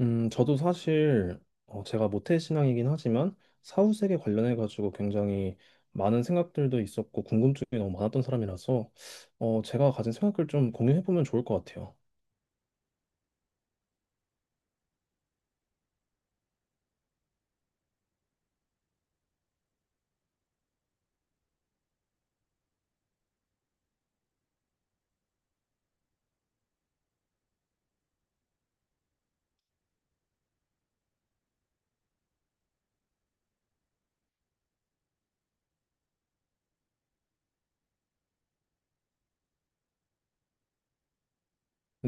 저도 사실 제가 모태신앙이긴 하지만 사후세계 관련해 가지고 굉장히 많은 생각들도 있었고 궁금증이 너무 많았던 사람이라서 제가 가진 생각을 좀 공유해 보면 좋을 것 같아요.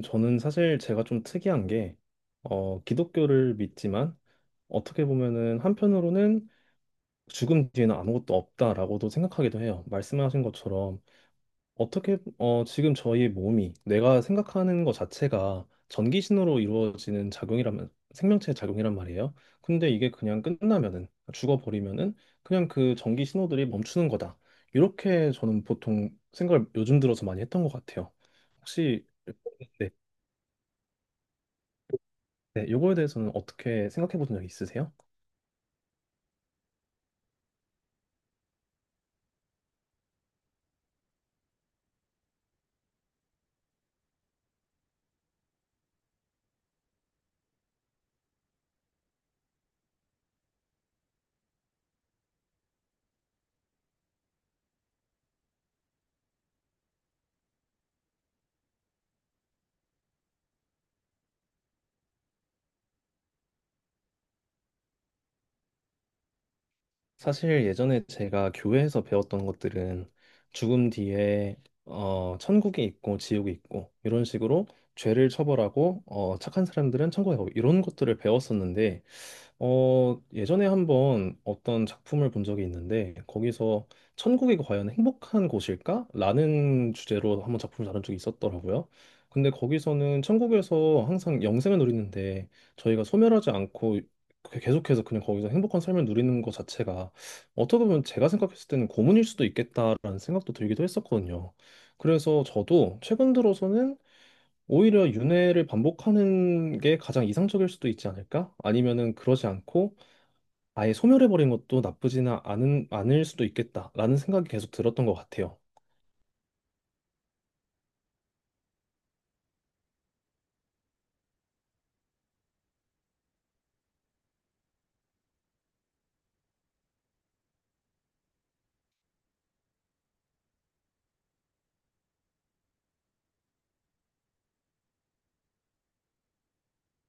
저는 사실 제가 좀 특이한 게 기독교를 믿지만 어떻게 보면은 한편으로는 죽음 뒤에는 아무것도 없다라고도 생각하기도 해요. 말씀하신 것처럼 어떻게, 지금 저희 몸이 내가 생각하는 것 자체가 전기 신호로 이루어지는 작용이라면, 생명체의 작용이란 말이에요. 근데 이게 그냥 끝나면은, 죽어버리면은, 그냥 그 전기 신호들이 멈추는 거다. 이렇게 저는 보통 생각을 요즘 들어서 많이 했던 것 같아요. 혹시, 네, 네, 요거에 대해서는 어떻게 생각해 보신 적 있으세요? 사실 예전에 제가 교회에서 배웠던 것들은 죽음 뒤에 천국이 있고 지옥이 있고 이런 식으로 죄를 처벌하고 착한 사람들은 천국에 가고 이런 것들을 배웠었는데 예전에 한번 어떤 작품을 본 적이 있는데 거기서 천국이 과연 행복한 곳일까? 라는 주제로 한번 작품을 다룬 적이 있었더라고요. 근데 거기서는 천국에서 항상 영생을 누리는데 저희가 소멸하지 않고 계속해서 그냥 거기서 행복한 삶을 누리는 것 자체가 어떻게 보면 제가 생각했을 때는 고문일 수도 있겠다라는 생각도 들기도 했었거든요. 그래서 저도 최근 들어서는 오히려 윤회를 반복하는 게 가장 이상적일 수도 있지 않을까? 아니면은 그러지 않고 아예 소멸해버린 것도 나쁘지는 않은, 않을 수도 있겠다라는 생각이 계속 들었던 것 같아요.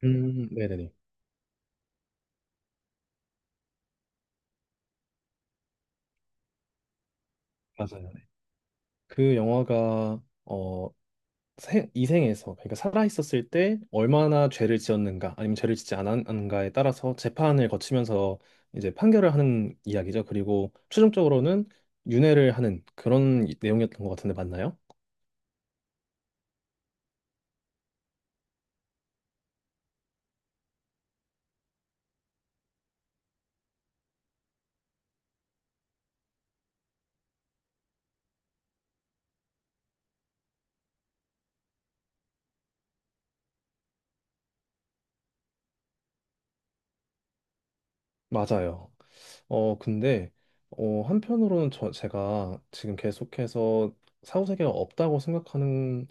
네네네. 맞아요. 네. 그 영화가 이생에서 그러니까 살아있었을 때 얼마나 죄를 지었는가 아니면 죄를 짓지 않았는가에 따라서 재판을 거치면서 이제 판결을 하는 이야기죠. 그리고 최종적으로는 윤회를 하는 그런 내용이었던 것 같은데 맞나요? 맞아요. 근데, 한편으로는 제가 지금 계속해서 사후세계가 없다고 생각하는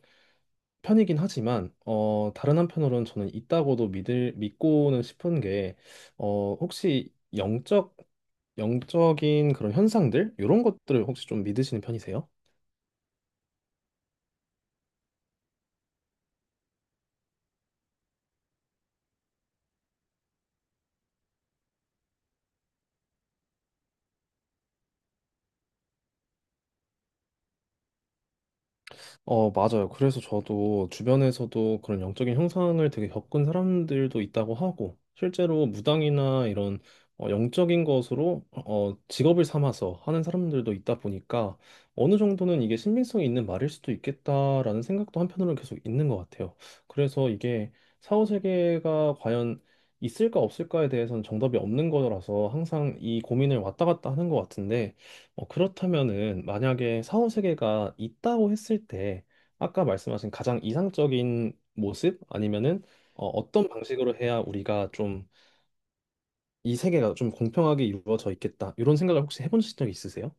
편이긴 하지만, 다른 한편으로는 저는 있다고도 믿고는 싶은 게, 혹시 영적인 그런 현상들? 이런 것들을 혹시 좀 믿으시는 편이세요? 맞아요. 그래서 저도 주변에서도 그런 영적인 형상을 되게 겪은 사람들도 있다고 하고, 실제로 무당이나 이런 영적인 것으로 직업을 삼아서 하는 사람들도 있다 보니까 어느 정도는 이게 신빙성이 있는 말일 수도 있겠다라는 생각도 한편으로는 계속 있는 것 같아요. 그래서 이게 사후세계가 과연 있을까 없을까에 대해서는 정답이 없는 거라서 항상 이 고민을 왔다 갔다 하는 것 같은데, 그렇다면은 만약에 사후 세계가 있다고 했을 때 아까 말씀하신 가장 이상적인 모습 아니면은 어떤 방식으로 해야 우리가 좀 이 세계가 좀 공평하게 이루어져 있겠다 이런 생각을 혹시 해본 적이 있으세요?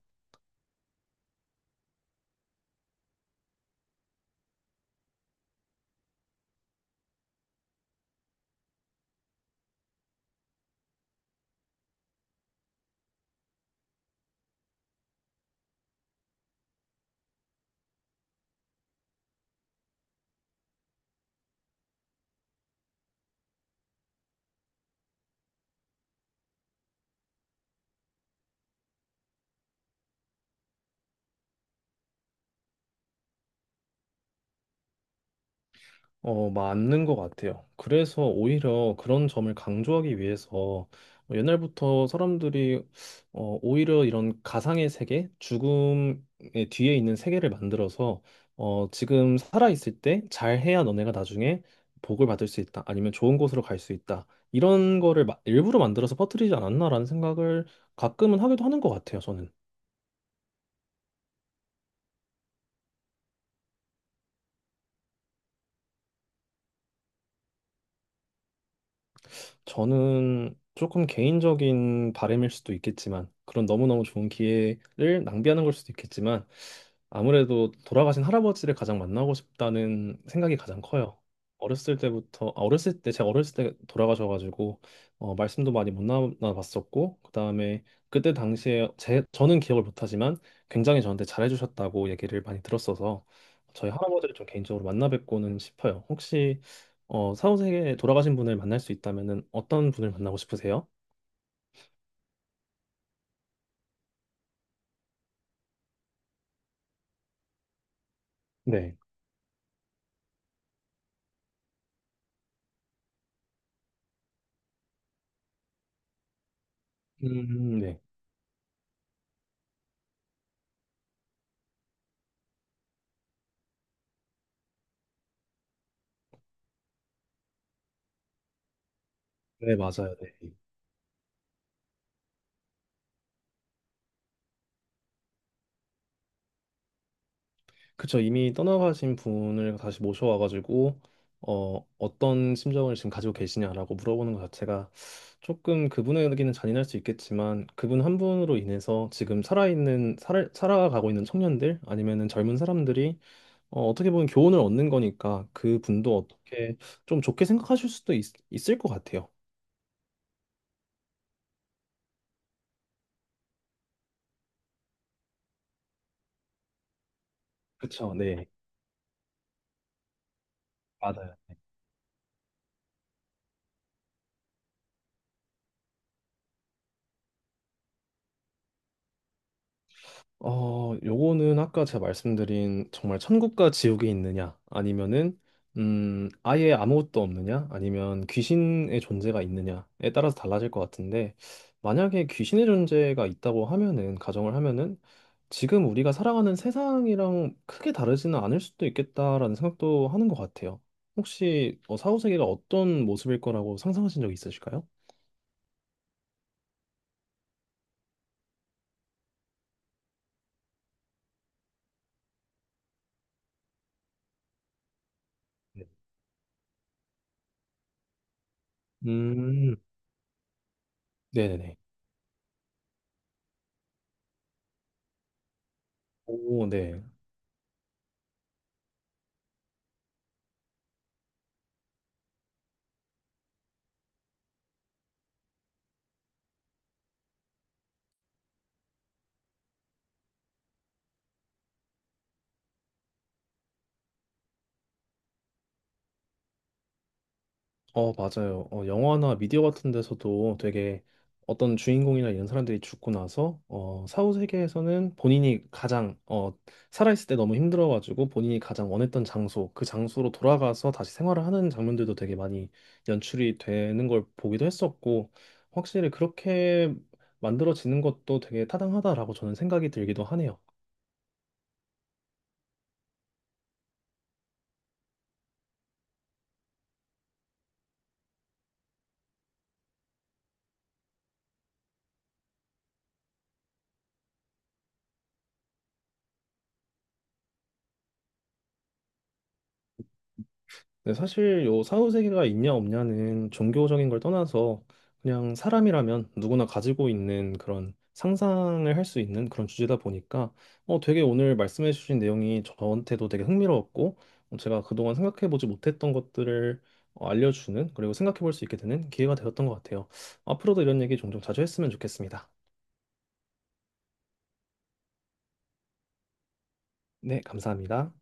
맞는 것 같아요. 그래서 오히려 그런 점을 강조하기 위해서 뭐 옛날부터 사람들이 오히려 이런 가상의 세계, 죽음의 뒤에 있는 세계를 만들어서 지금 살아있을 때 잘해야 너네가 나중에 복을 받을 수 있다. 아니면 좋은 곳으로 갈 수 있다. 이런 거를 일부러 만들어서 퍼뜨리지 않았나라는 생각을 가끔은 하기도 하는 것 같아요, 저는. 저는 조금 개인적인 바람일 수도 있겠지만, 그런 너무너무 좋은 기회를 낭비하는 걸 수도 있겠지만, 아무래도 돌아가신 할아버지를 가장 만나고 싶다는 생각이 가장 커요. 어렸을 때, 제가 어렸을 때 돌아가셔가지고, 말씀도 많이 못 나눠봤었고, 그 다음에 그때 당시에, 저는 기억을 못하지만, 굉장히 저한테 잘해주셨다고 얘기를 많이 들었어서, 저희 할아버지를 좀 개인적으로 만나 뵙고는 싶어요. 혹시 사후세계에 돌아가신 분을 만날 수 있다면은 어떤 분을 만나고 싶으세요? 네. 네. 네, 맞아요. 네. 그쵸. 이미 떠나가신 분을 다시 모셔와가지고, 어떤 심정을 지금 가지고 계시냐라고 물어보는 것 자체가 조금 그분에게는 잔인할 수 있겠지만, 그분 한 분으로 인해서 지금 살아가고 있는 청년들, 아니면은 젊은 사람들이, 어떻게 보면 교훈을 얻는 거니까, 그분도 어떻게 좀 좋게 있을 것 같아요. 그쵸. 네. 맞아요. 요거는 아까 제가 말씀드린 정말 천국과 지옥이 있느냐, 아니면은 아예 아무것도 없느냐, 아니면 귀신의 존재가 있느냐에 따라서 달라질 것 같은데 만약에 귀신의 존재가 있다고 하면은 가정을 하면은 지금 우리가 살아가는 세상이랑 크게 다르지는 않을 수도 있겠다라는 생각도 하는 것 같아요. 혹시 사후 세계가 어떤 모습일 거라고 상상하신 적 있으실까요? 네. 음, 네네네. 오, 네. 맞아요. 영화나 미디어 같은 데서도 되게 어떤 주인공이나 이런 사람들이 죽고 나서 사후 세계에서는 본인이 가장 살아있을 때 너무 힘들어가지고 본인이 가장 원했던 장소, 그 장소로 돌아가서 다시 생활을 하는 장면들도 되게 많이 연출이 되는 걸 보기도 했었고 확실히 그렇게 만들어지는 것도 되게 타당하다라고 저는 생각이 들기도 하네요. 네, 사실 요 사후세계가 있냐 없냐는 종교적인 걸 떠나서 그냥 사람이라면 누구나 가지고 있는 그런 상상을 할 수 있는 그런 주제다 보니까 되게 오늘 말씀해 주신 내용이 저한테도 되게 흥미로웠고 제가 그동안 생각해 보지 못했던 것들을 알려주는 그리고 생각해 볼 수 있게 되는 기회가 되었던 것 같아요. 앞으로도 이런 얘기 종종 자주 했으면 좋겠습니다. 네, 감사합니다.